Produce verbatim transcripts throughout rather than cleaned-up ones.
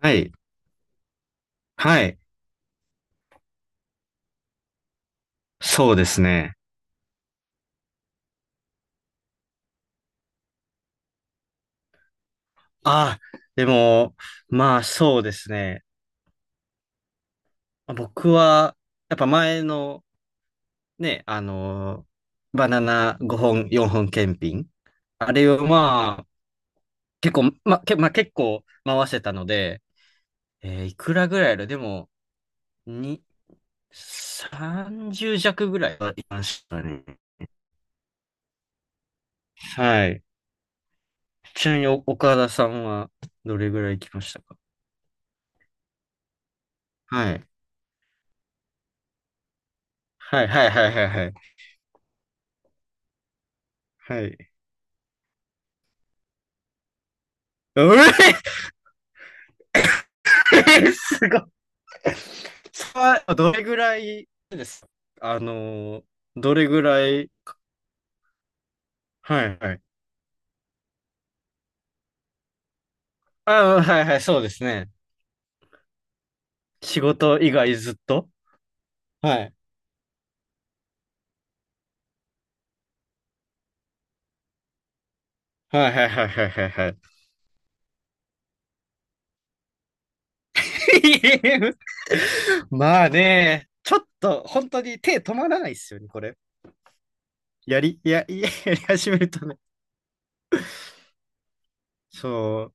はい。はい。そうですね。ああ、でも、まあそうですね。僕は、やっぱ前のね、あの、バナナごほん、よんほん検品。あれをまあ、結構、ま、け、まあ、結構回せたので、えーいくらぐらいあるでも、に、さんじゅう弱ぐらいはいましたね。はい。ちなみにお岡田さんはどれぐらい行きましたか？はい。はいはいはいはいはい。はい。うええすごい。さあ、どれぐらいです？あのー、どれぐらい。はいはい。あ、はいはい、そうですね。仕事以外ずっと。はいはいはいはいはいはいはい。まあね、ちょっと本当に手止まらないですよね、これ。やり、や、やり始めるとね。そう、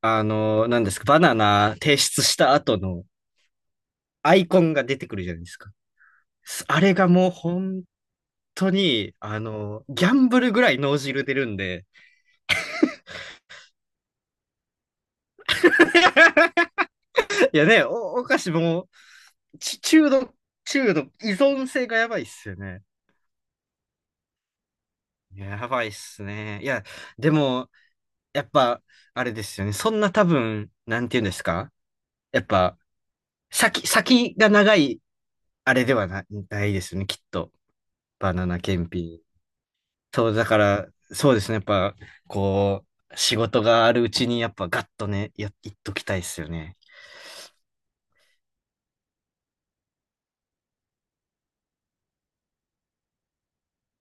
あの何ですか、バナナ提出した後のアイコンが出てくるじゃないですか。あれがもう本当に、あの、ギャンブルぐらい脳汁出るんで。いやね、お、お菓子もう、ち中毒、中毒、依存性がやばいっすよね。やばいっすね。いや、でも、やっぱ、あれですよね。そんな多分、なんて言うんですか？やっぱ、先、先が長い、あれではな、ないですよね、きっと。バナナ検品。そう、だから、そうですね。やっぱ、こう、仕事があるうちに、やっぱ、ガッとね、や、いっときたいっすよね。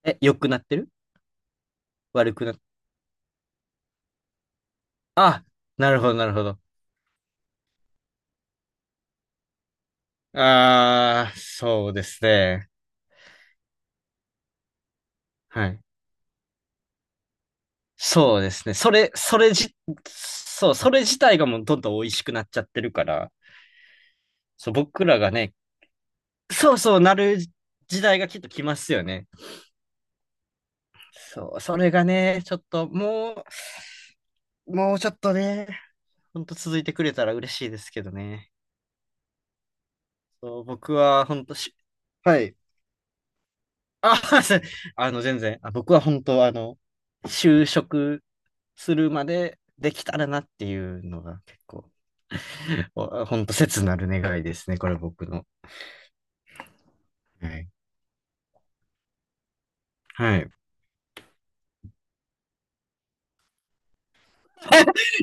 え、良くなってる？悪くなっ、あ、なるほど、なるほど。あー、そうですね。はい。そうですね。それ、それじ、そう、それ自体がもうどんどん美味しくなっちゃってるから、そう、僕らがね、そうそうなる時代がきっと来ますよね。そう、それがね、ちょっともう、もうちょっとね、ほんと続いてくれたら嬉しいですけどね。そう僕はほんとし、はい。あ、すあの、全然、あ、僕は本当あの、就職するまでできたらなっていうのが結構、本ほんと切なる願いですね、これ僕の。はい。はい。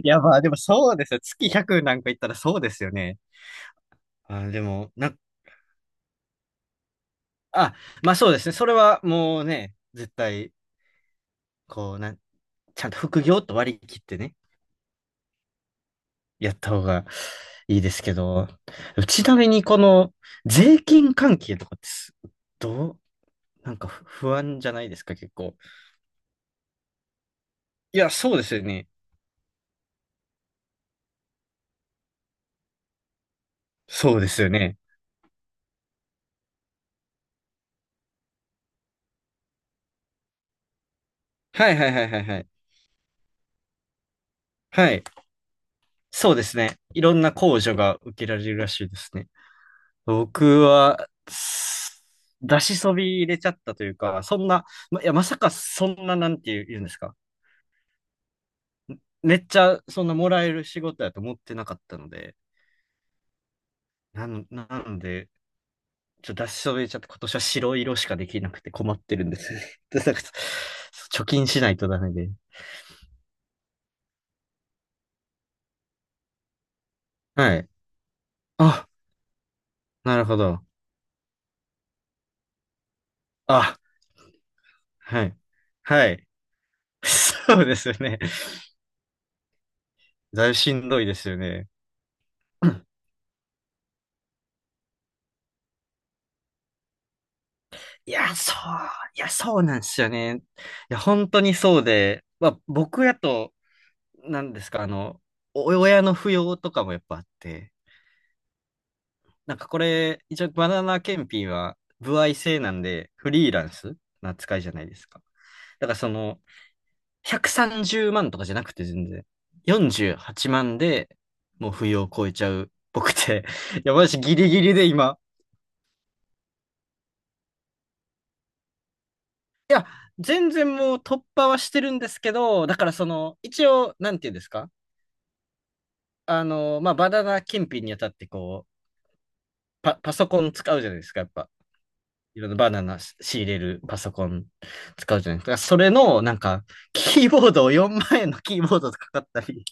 いや、まあでもそうですよ。月ひゃくなんか言ったらそうですよね。あ、でも、な、あ、まあそうですね。それはもうね、絶対、こう、なん、ちゃんと副業と割り切ってね、やった方がいいですけど、ちなみにこの税金関係とかってす、どう、なんかふ不安じゃないですか、結構。いや、そうですよね。そうですよね。はいはいはいはいはい。はい。そうですね。いろんな控除が受けられるらしいですね。僕は、す出しそび入れちゃったというか、そんな、ま、いや、まさかそんな、なんていう言うんですか？めっちゃ、そんなもらえる仕事やと思ってなかったので、なん、なんで、ちょっと出しそびれちゃって、今年は白色しかできなくて困ってるんですよね。でなんか貯金しないとダメで。はい。あ、なるほど。あ、はい。はい。そうですよね。だいぶしんどいですよね。うん。いや、そう、いや、そうなんですよね。いや、本当にそうで、まあ、僕やと、なんですか、あの、お親の扶養とかもやっぱあって、なんかこれ、一応バナナ検品は、歩合制なんで、フリーランスな扱いじゃないですか。だからその、ひゃくさんじゅうまんとかじゃなくて全然、よんじゅうはちまんでもう扶養を超えちゃう僕って、いや、私ギリギリで今、いや、全然もう突破はしてるんですけど、だからその、一応、なんていうんですか？あの、まあ、バナナ検品にあたってこう、パ、パソコン使うじゃないですか、やっぱ。いろんなバナナし仕入れるパソコン使うじゃないですか。それの、なんか、キーボードをよんまん円のキーボードとか買ったり、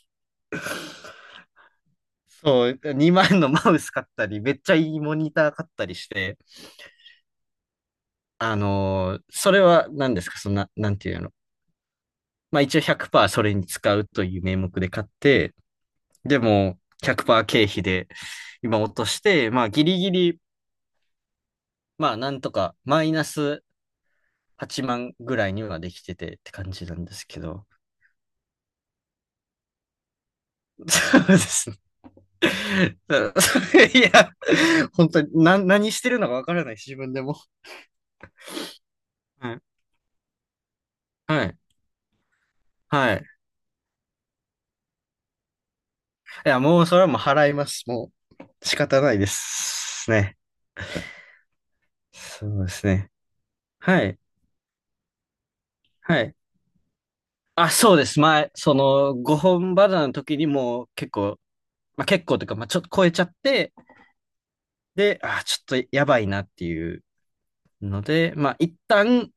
そう、にまん円のマウス買ったり、めっちゃいいモニター買ったりして、あのーそれは何ですか、そんな、なんていうの。まあ一応ひゃくパーセントそれに使うという名目で買って、でも、ひゃくパーセント経費で、今落として、まあ、ギリギリ、まあ、なんとか、マイナスはちまんぐらいにはできててって感じなんですけど。そうですね。いや、本当に、な、何してるのかわからない、自分でも。はい。はい。はい。いや、もう、それはもう払います。もう、仕方ないですね。そうですね。はい。はい。あ、そうです。前、その、ごほんバナナの時にもう結構、まあ、結構というか、まあ、ちょっと超えちゃって、で、あー、ちょっとやばいなっていうので、まあ、一旦、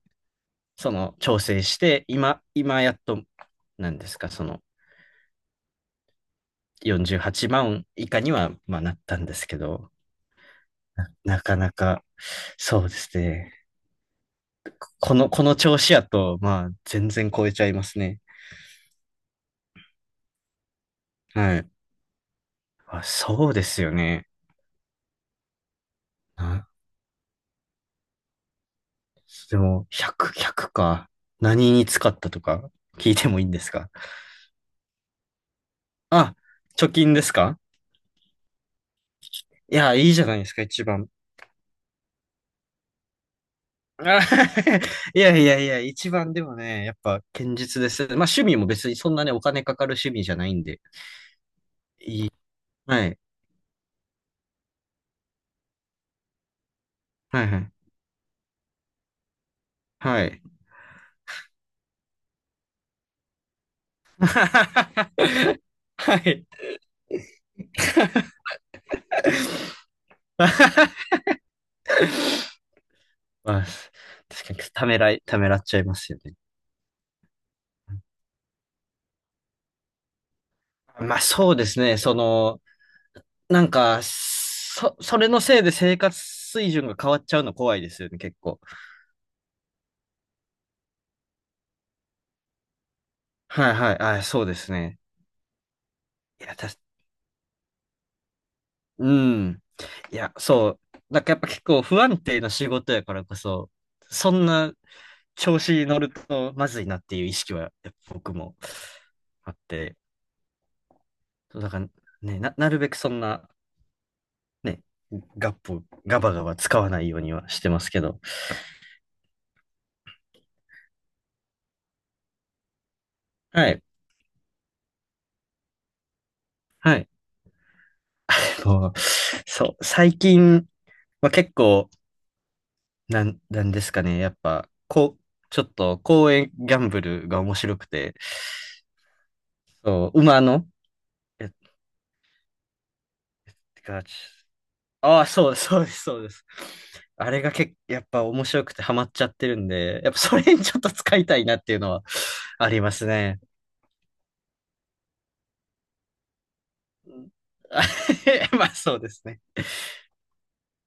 その、調整して、今、今やっと、なんですか、その、よんじゅうはちまん以下には、まあ、なったんですけど、な、なかなか、そうですね。この、この調子やと、まあ、全然超えちゃいますね。はい。あ、そうですよね。なでも、ひゃく、ひゃくか。何に使ったとか、聞いてもいいんですか？あ、貯金ですか？いや、いいじゃないですか、一番。あ いやいやいや、一番でもね、やっぱ堅実です。まあ趣味も別にそんなね、お金かかる趣味じゃないんで。はい。はいはい。はい。はい。まあ、確かにためらい、ためらっちゃいますよね。まあそうですね、その、なんか、そ、それのせいで生活水準が変わっちゃうの怖いですよね、結構。はいはい。あ、そうですね。いや、うん。いや、そう。なんかやっぱ結構不安定な仕事やからこそ、そんな調子に乗るとまずいなっていう意識はやっぱ僕もあって、そうだからね、な、なるべくそんな、ね、ガップ、ガバガバ使わないようにはしてますけど。はい。はい。でもそう、最近は結構、なん、なんですかね、やっぱ、こう、ちょっと公園ギャンブルが面白くて、そう、馬の、え、てか、ああ、そうです、そうです、そうです。あれが結構、やっぱ面白くてハマっちゃってるんで、やっぱそれにちょっと使いたいなっていうのはありますね。あ まあそうですね。